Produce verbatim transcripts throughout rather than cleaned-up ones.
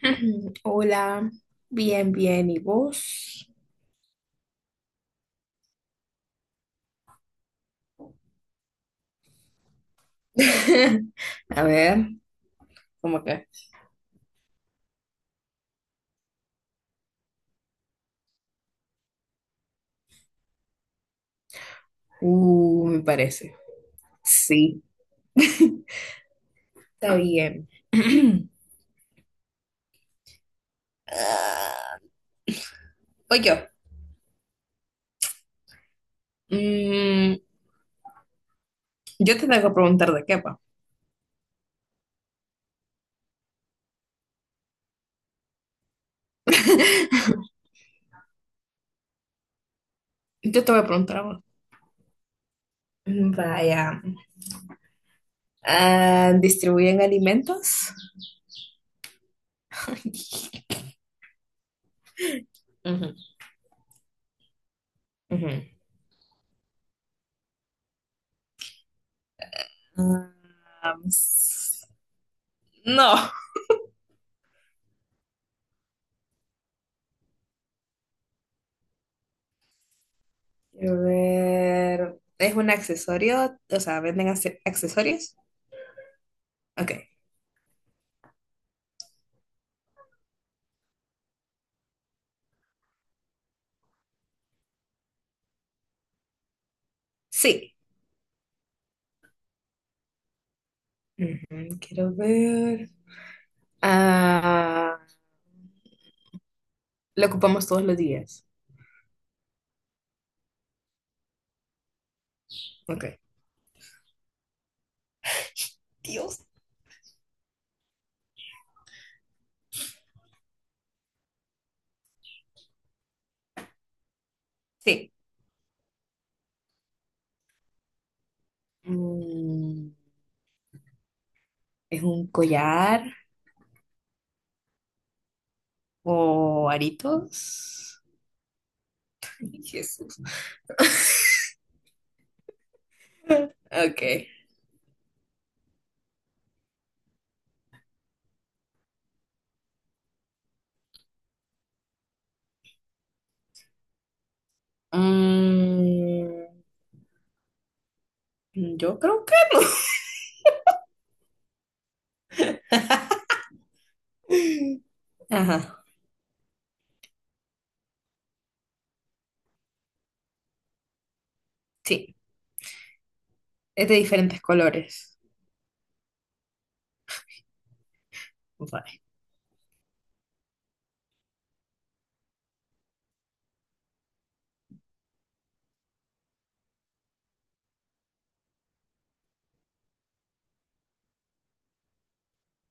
Hola, bien, bien, ¿y vos? A ver, ¿cómo que? Uh, me parece. Sí, está bien. Ah, voy yo. Mm, yo te tengo que preguntar de qué va. Yo te voy a preguntar a vos. Vaya. Ah, ¿distribuyen alimentos? Ujú, ujú. Ah, s- no. A ver, ¿es un accesorio? O sea, ¿venden acce- accesorios? Ok, sí. Ujú, quiero ver. Ah, lo ocupamos todos los días. Ok. Dios. Sí. Mm, ¿es un collar o aritos? Ay, Jesús. Ok. Mm, yo creo que no. Ajá, sí. Es de diferentes colores. Vale.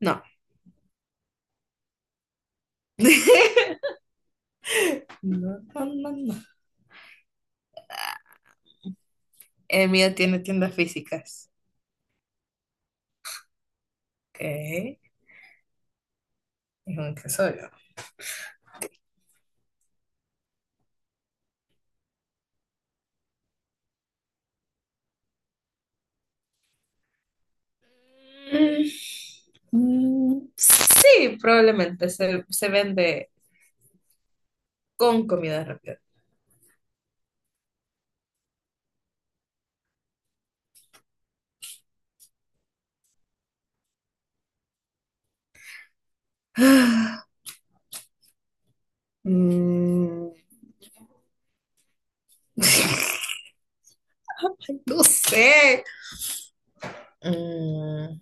No. No, no, no, no. El mío tiene tiendas físicas. Ok, es un tesorio. Mm, mm, sí, probablemente se, se vende con comida rápida. Mm, ay, no sé. Mm,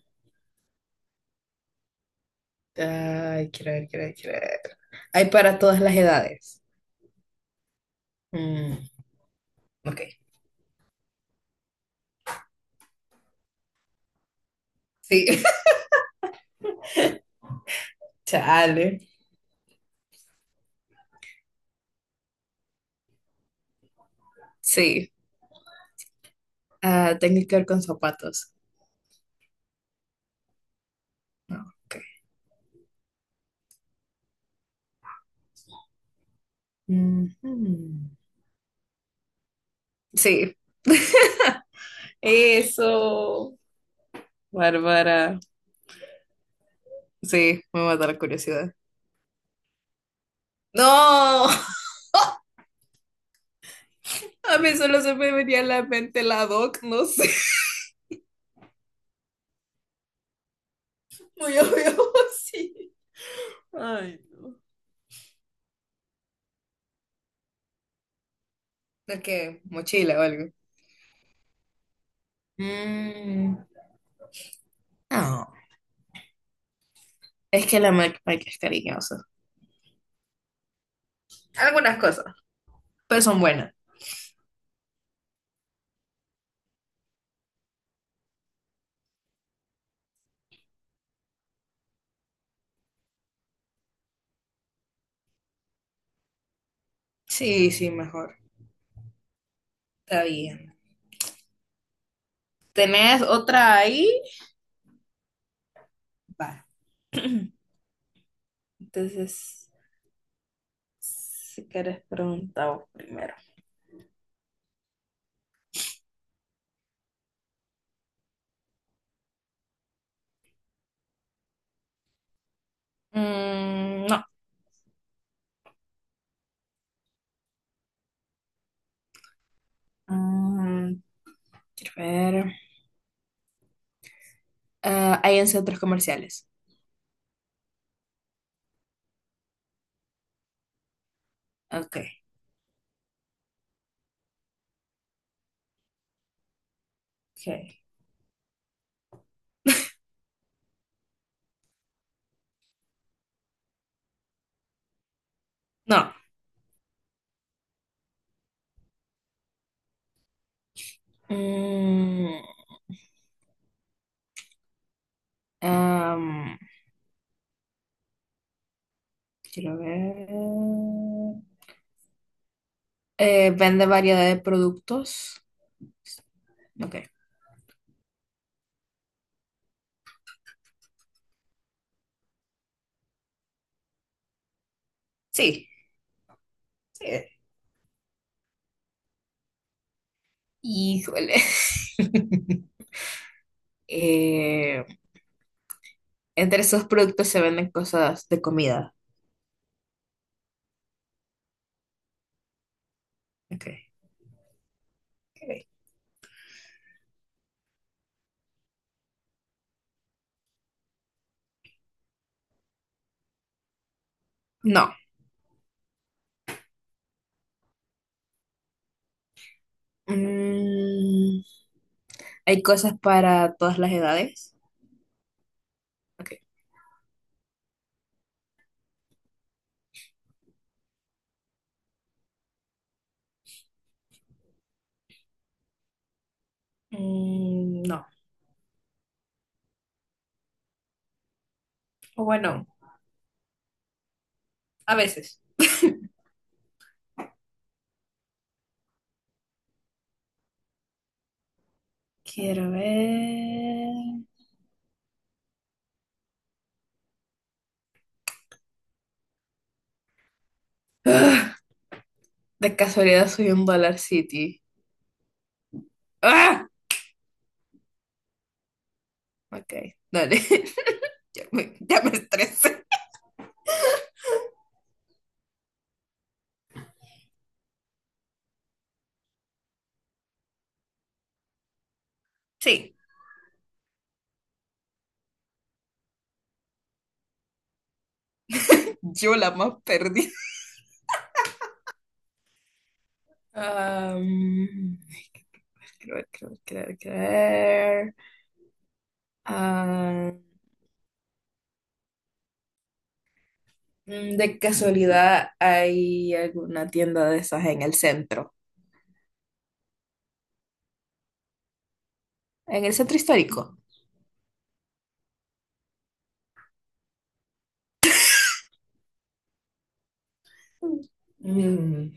ay, quiero ver, quiero ver, quiero ver. Hay para todas las edades. Mm, ok, sí. Chale. Sí, ah, tengo que ver con zapatos. Ujú. Sí, eso, Bárbara. Sí, me mata la curiosidad. No, a mí solo se me venía a la mente la doc, no sé. Muy obvio, sí. Ay, no. ¿De qué? Mochila o algo. Mm, no, es que la Mac es cariñosa. Algunas cosas, pero son buenas. Sí, sí, mejor. Está bien. ¿Tenés otra ahí? Va. Entonces, si quieres preguntar vos primero. Mm, no. Mm, quiero ver. Ah, hay en centros comerciales. Ok, ok. No. Mm, am, quiero ver. Eh, vende variedad de productos. Ok. Sí, sí. Híjole. Eh, entre esos productos se venden cosas de comida. Ok, ok. No. Mm, hay cosas para todas las edades. Ok. Mm, no. O bueno, a veces. Quiero ver. ¡Ah! De casualidad soy un Dollar City. ¡Ah! Ok, dale. Ya me, ya me estresé. Sí. Yo la más perdida. Am, quiero ver, quiero ver, quiero ver, quiero ver. Am, mm, de casualidad hay alguna tienda de esas en el centro. En el centro histórico. Mm,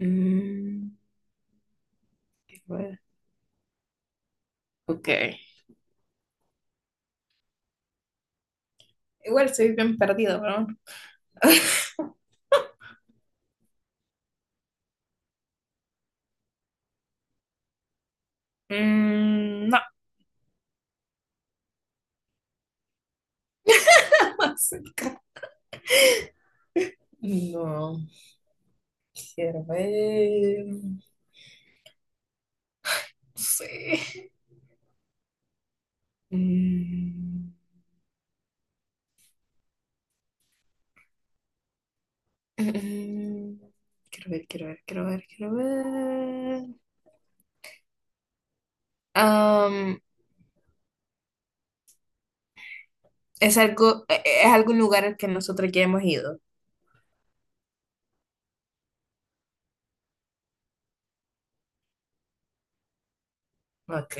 mm, quiero ver. Ok. Igual soy bien perdido, ¿no? Mm, no, música. No, quiero ver. No sé. Mm, mm, quiero ver, quiero ver, quiero ver, quiero ver. Am, es algo, eh, eh, es algún lugar al que nosotros ya hemos ido. Ok.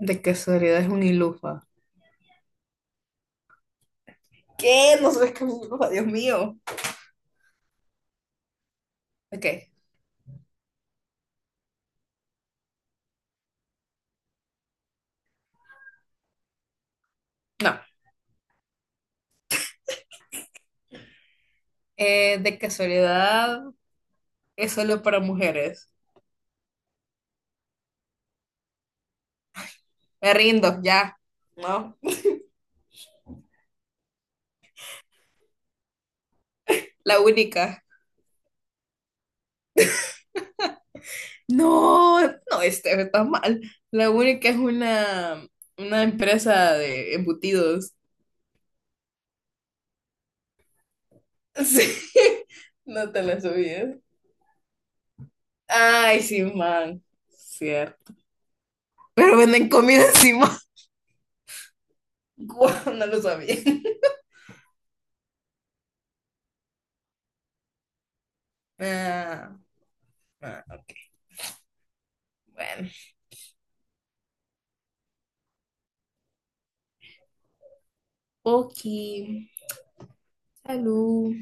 De casualidad es un ilufa. ¿Qué? No sabes qué es un ilufa, Dios mío. Ok, no. Eh, de casualidad es solo para mujeres. Me rindo, ya. No. La única. No, no, este está mal. La única es una, una empresa de embutidos. Sí, no te la subías. Ay, sí, man. Cierto. Pero venden comida encima. Guau, no lo sabía. Ah, ah, bueno. Oki, salud.